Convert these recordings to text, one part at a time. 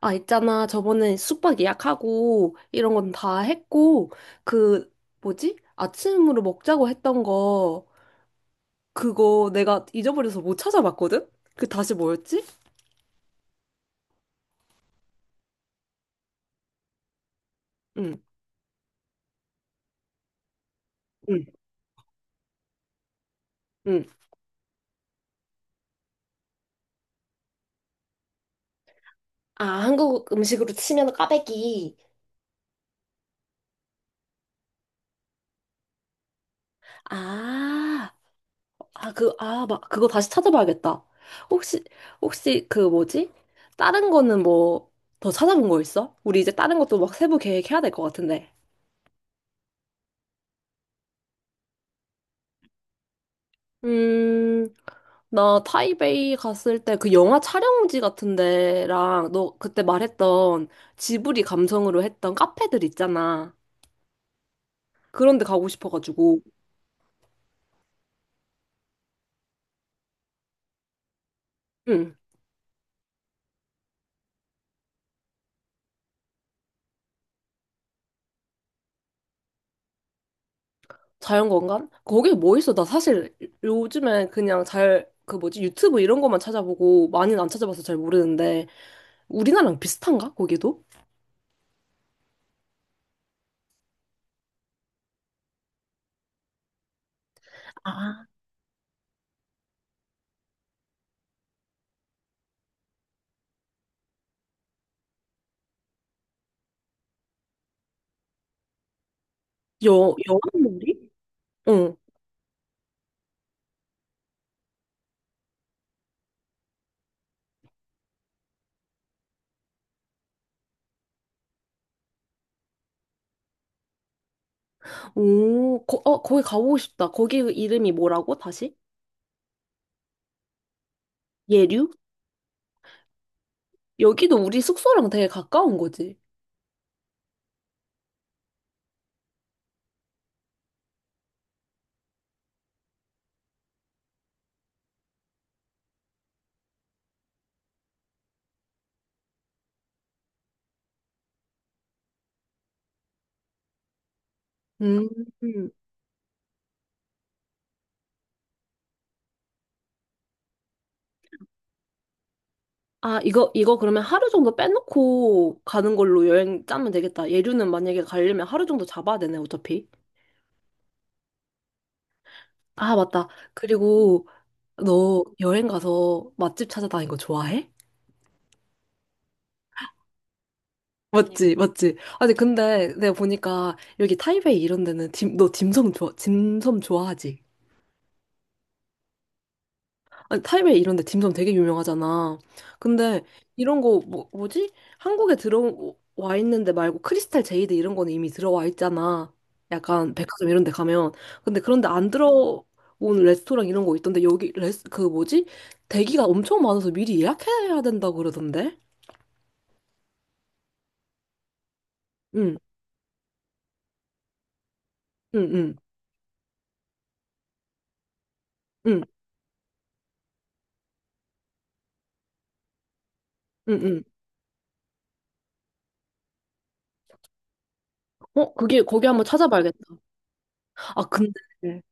아, 있잖아. 저번에 숙박 예약하고 이런 건 다 했고, 그, 뭐지? 아침으로 먹자고 했던 거, 그거 내가 잊어버려서 못 찾아봤거든? 그 다시 뭐였지? 응, 응, 응. 아, 한국 음식으로 치면 꽈배기. 아, 아, 그, 아, 막, 그거 다시 찾아봐야겠다. 혹시, 혹시 그 뭐지? 다른 거는 뭐, 더 찾아본 거 있어? 우리 이제 다른 것도 막 세부 계획해야 될 것 같은데. 음, 나 타이베이 갔을 때 그 영화 촬영지 같은 데랑 너 그때 말했던 지브리 감성으로 했던 카페들 있잖아. 그런 데 가고 싶어가지고. 응. 자연관광? 거기 뭐 있어? 나 사실 요즘에 그냥 잘 그 뭐지 유튜브 이런 것만 찾아보고 많이는 안 찾아봐서 잘 모르는데 우리나라랑 비슷한가? 거기도? 아, 여왕놀이? 응. 오, 거, 어, 거기 가보고 싶다. 거기 이름이 뭐라고? 다시? 예류? 여기도 우리 숙소랑 되게 가까운 거지. 음. 아, 이거, 이거 그러면 하루 정도 빼놓고 가는 걸로 여행 짜면 되겠다. 예류는 만약에 가려면 하루 정도 잡아야 되네, 어차피. 아, 맞다. 그리고 너 여행 가서 맛집 찾아다니는 거 좋아해? 맞지, 맞지. 아니, 근데 내가 보니까 여기 타이베이 이런 데는 너 딤섬 좋아, 딤섬 좋아하지? 아니, 타이베이 이런 데 딤섬 되게 유명하잖아. 근데 이런 거 뭐, 뭐지? 한국에 들어와 있는데 말고 크리스탈 제이드 이런 거는 이미 들어와 있잖아. 약간 백화점 이런 데 가면. 근데 그런데 안 들어온 레스토랑 이런 거 있던데 여기 레스 그 뭐지? 대기가 엄청 많아서 미리 예약해야 된다고 그러던데. 응. 응, 응. 응. 응, 응. 어, 그게 거기 한번 찾아봐야겠다. 아, 근데 응.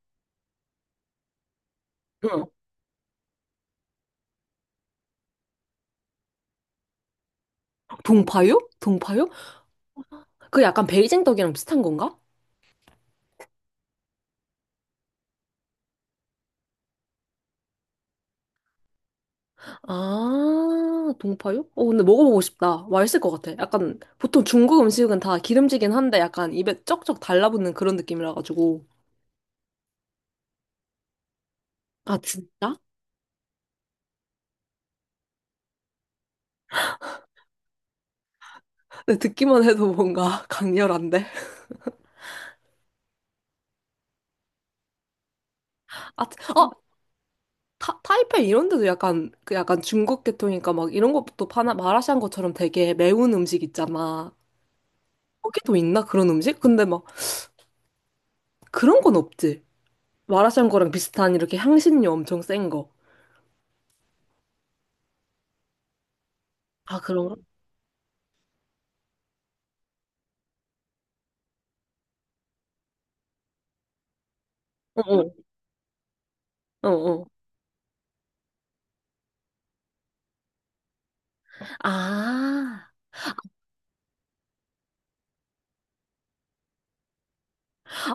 동파육? 동파육? 그 약간 베이징 떡이랑 비슷한 건가? 아, 동파육? 어, 근데 먹어보고 싶다. 맛있을 것 같아. 약간, 보통 중국 음식은 다 기름지긴 한데 약간 입에 쩍쩍 달라붙는 그런 느낌이라가지고. 아, 진짜? 근데 듣기만 해도 뭔가 강렬한데? 아, 어, 타이페이 이런 데도 약간, 그 약간 중국 계통이니까 막 이런 것도 파나, 마라샹궈 것처럼 되게 매운 음식 있잖아. 거기도 있나? 그런 음식? 근데 막 그런 건 없지. 마라샹궈랑 비슷한 이렇게 향신료 엄청 센 거. 아, 그런가? 어어, 어어. 아.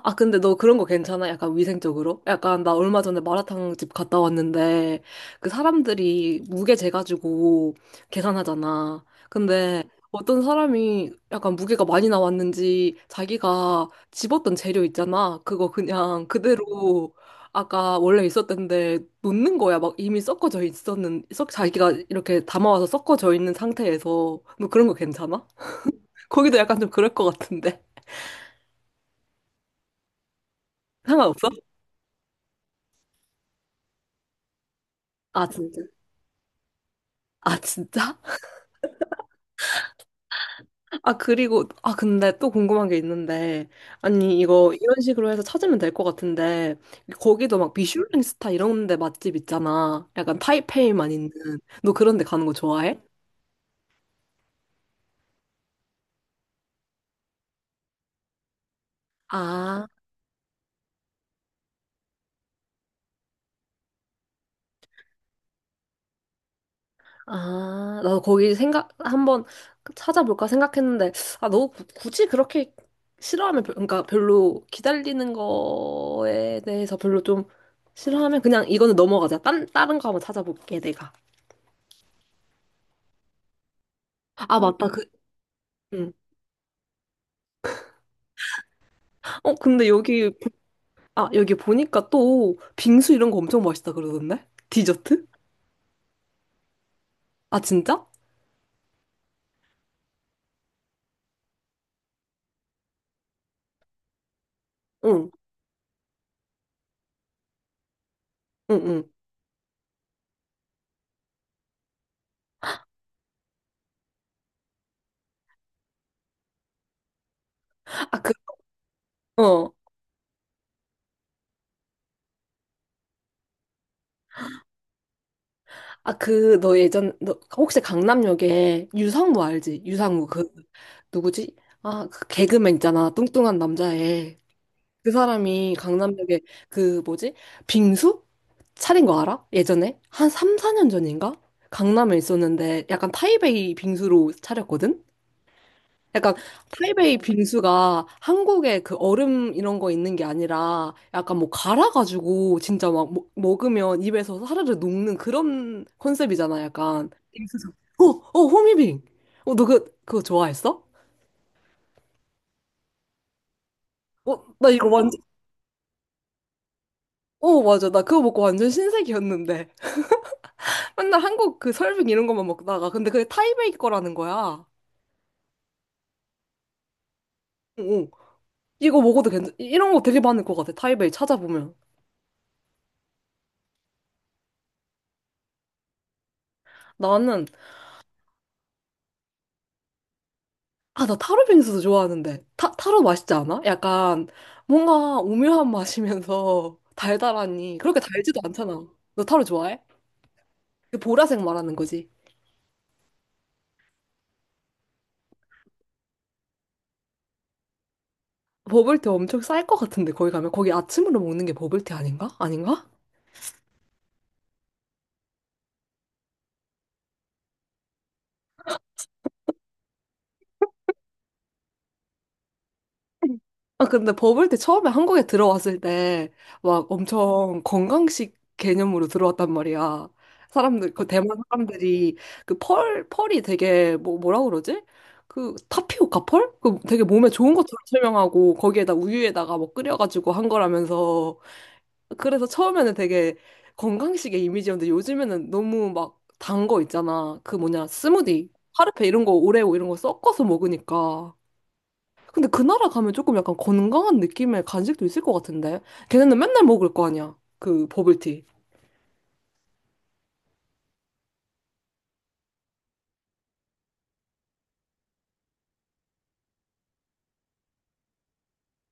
아, 근데 너 그런 거 괜찮아? 약간 위생적으로? 약간 나 얼마 전에 마라탕 집 갔다 왔는데 그 사람들이 무게 재가지고 계산하잖아. 근데 어떤 사람이 약간 무게가 많이 나왔는지 자기가 집었던 재료 있잖아. 그거 그냥 그대로 아까 원래 있었던데 놓는 거야. 막 이미 자기가 이렇게 담아와서 섞어져 있는 상태에서 너 그런 거 괜찮아? 거기도 약간 좀 그럴 것 같은데. 상관없어? 아, 진짜? 아, 진짜? 아, 그리고, 아, 근데 또 궁금한 게 있는데, 아니, 이거 이런 식으로 해서 찾으면 될 것 같은데, 거기도 막 미슐랭 스타 이런 데 맛집 있잖아. 약간 타이페이만 있는. 너 그런 데 가는 거 좋아해? 아, 아, 나도 거기 생각, 한번 찾아볼까 생각했는데, 아, 너 굳이 그렇게 싫어하면, 그러니까 별로 기다리는 거에 대해서 별로 좀 싫어하면 그냥 이거는 넘어가자. 딴, 다른 거 한번 찾아볼게, 내가. 아, 맞다. 그, 응. 어, 근데 여기 아, 여기 보니까 또 빙수 이런 거 엄청 맛있다 그러던데? 디저트? 아, 진짜? 응, 응, 응. 아, 그, 어. 아, 그, 너 예전, 너 혹시 강남역에 유상무 알지? 유상무, 그, 누구지? 아, 그 개그맨 있잖아. 뚱뚱한 남자애. 그 사람이 강남역에 그, 뭐지? 빙수? 차린 거 알아? 예전에? 한 3, 4년 전인가? 강남에 있었는데 약간 타이베이 빙수로 차렸거든? 약간 타이베이 빙수가 한국에 그 얼음 이런 거 있는 게 아니라 약간 뭐 갈아가지고 진짜 막 먹으면 입에서 사르르 녹는 그런 컨셉이잖아 약간 빙수죠. 어, 어, 호미빙. 어, 너 그, 그거 좋아했어? 어, 나 이거 완전, 어, 맞아. 나 그거 먹고 완전 신세계였는데. 맨날 한국 그 설빙 이런 것만 먹다가. 근데 그게 타이베이 거라는 거야. 어, 어. 이거 먹어도 괜찮, 이런 거 되게 많을 것 같아. 타이베이 찾아보면. 나는 아, 나 타로 빙수도 좋아하는데. 타로 맛있지 않아? 약간 뭔가 오묘한 맛이면서 달달하니. 그렇게 달지도 않잖아. 너 타로 좋아해? 그 보라색 말하는 거지. 버블티 엄청 쌀 것 같은데, 거기 가면. 거기 아침으로 먹는 게 버블티 아닌가? 아닌가? 아, 근데 버블 때 처음에 한국에 들어왔을 때 막 엄청 건강식 개념으로 들어왔단 말이야. 사람들, 그 대만 사람들이 그 펄이 되게 뭐, 뭐라 그러지? 그 타피오카 펄? 그 되게 몸에 좋은 것처럼 설명하고 거기에다 우유에다가 뭐 끓여가지고 한 거라면서. 그래서 처음에는 되게 건강식의 이미지였는데 요즘에는 너무 막 단 거 있잖아. 그 뭐냐, 스무디, 파르페 이런 거, 오레오 이런 거 섞어서 먹으니까. 근데 그 나라 가면 조금 약간 건강한 느낌의 간식도 있을 것 같은데. 걔네는 맨날 먹을 거 아니야. 그 버블티.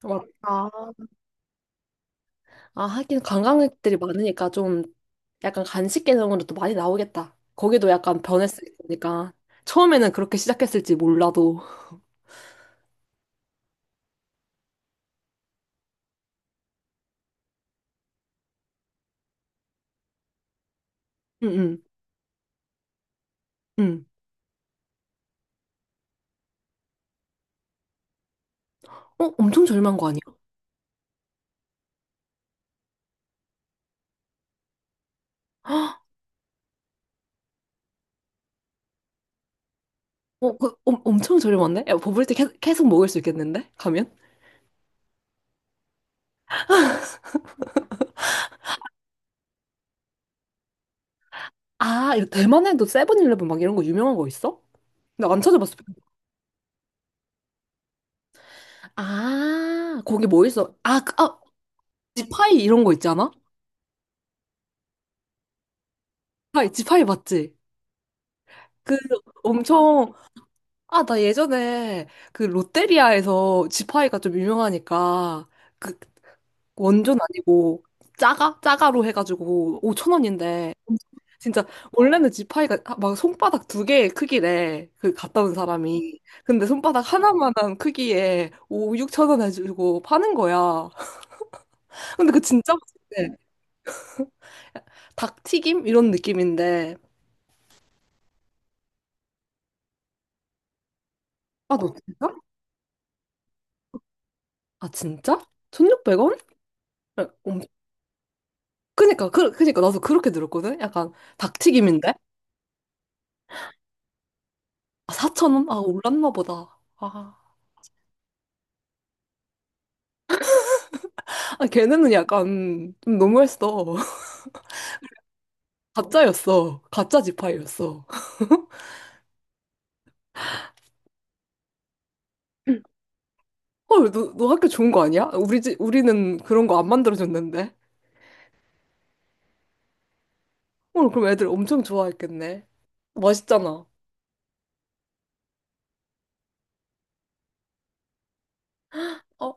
맞- 다 아, 하긴 관광객들이 많으니까 좀 약간 간식 개념으로 또 많이 나오겠다. 거기도 약간 변했으니까. 처음에는 그렇게 시작했을지 몰라도. 응, 응, 응. 어, 엄청 저렴한 거 아니야? 어, 그, 엄 엄청 저렴한데? 야, 버블티 계속 먹을 수 있겠는데? 가면? 아, 이거 대만에도 세븐일레븐 막 이런 거 유명한 거 있어? 나 안 찾아봤어. 아, 거기 뭐 있어? 아, 그- 아, 지파이 이런 거 있잖아? 파이, 지파이 맞지? 그 엄청, 아, 나 예전에 그 롯데리아에서 지파이가 좀 유명하니까 그 원조는 아니고 짜가? 짜가로 해가지고 5천 원인데 진짜 원래는 지파이가 막 손바닥 두 개의 크기래. 그 갔다 온 사람이. 근데 손바닥 하나만한 크기에 5, 6천 원 해주고 파는 거야. 근데 그 진짜 맛있대. 닭튀김? 이런 느낌인데. 아, 너 진짜? 아, 진짜? 1,600원? 엄- 그니까, 나도 그렇게 들었거든? 약간, 닭튀김인데? 아, 4천 원 아, 올랐나 보다. 아, 아, 걔네는 약간, 좀 너무했어. 가짜였어. 가짜 지파이였어. 헐, 너 학교 좋은 거 아니야? 우리 집, 우리는 그런 거 안 만들어줬는데? 헐, 그럼 애들 엄청 좋아했겠네. 맛있잖아. 어?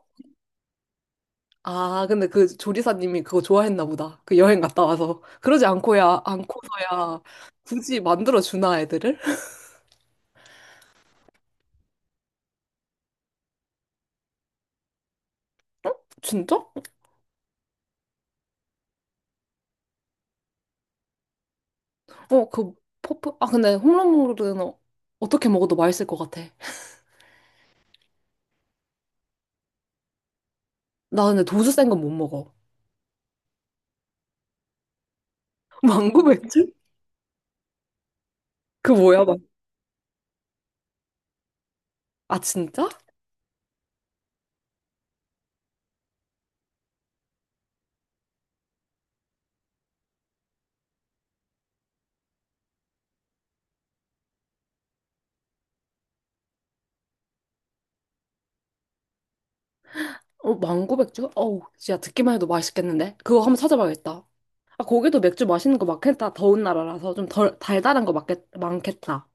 아, 근데 그 조리사님이 그거 좋아했나 보다. 그 여행 갔다 와서. 그러지 않고야, 않고서야, 굳이 만들어주나, 애들을? 진짜? 어, 그 퍼프 아 근데 홈런볼은 어, 어떻게 먹어도 맛있을 것 같아. 나 근데 도수 센 건 못 먹어. 망고 맥주? 그 뭐야 막. 아 진짜? 어 망고 맥주? 어우 진짜 듣기만 해도 맛있겠는데? 그거 한번 찾아봐야겠다. 아 거기도 맥주 마시는 거 많겠다. 더운 나라라서 좀 덜 달달한 거 많겠다.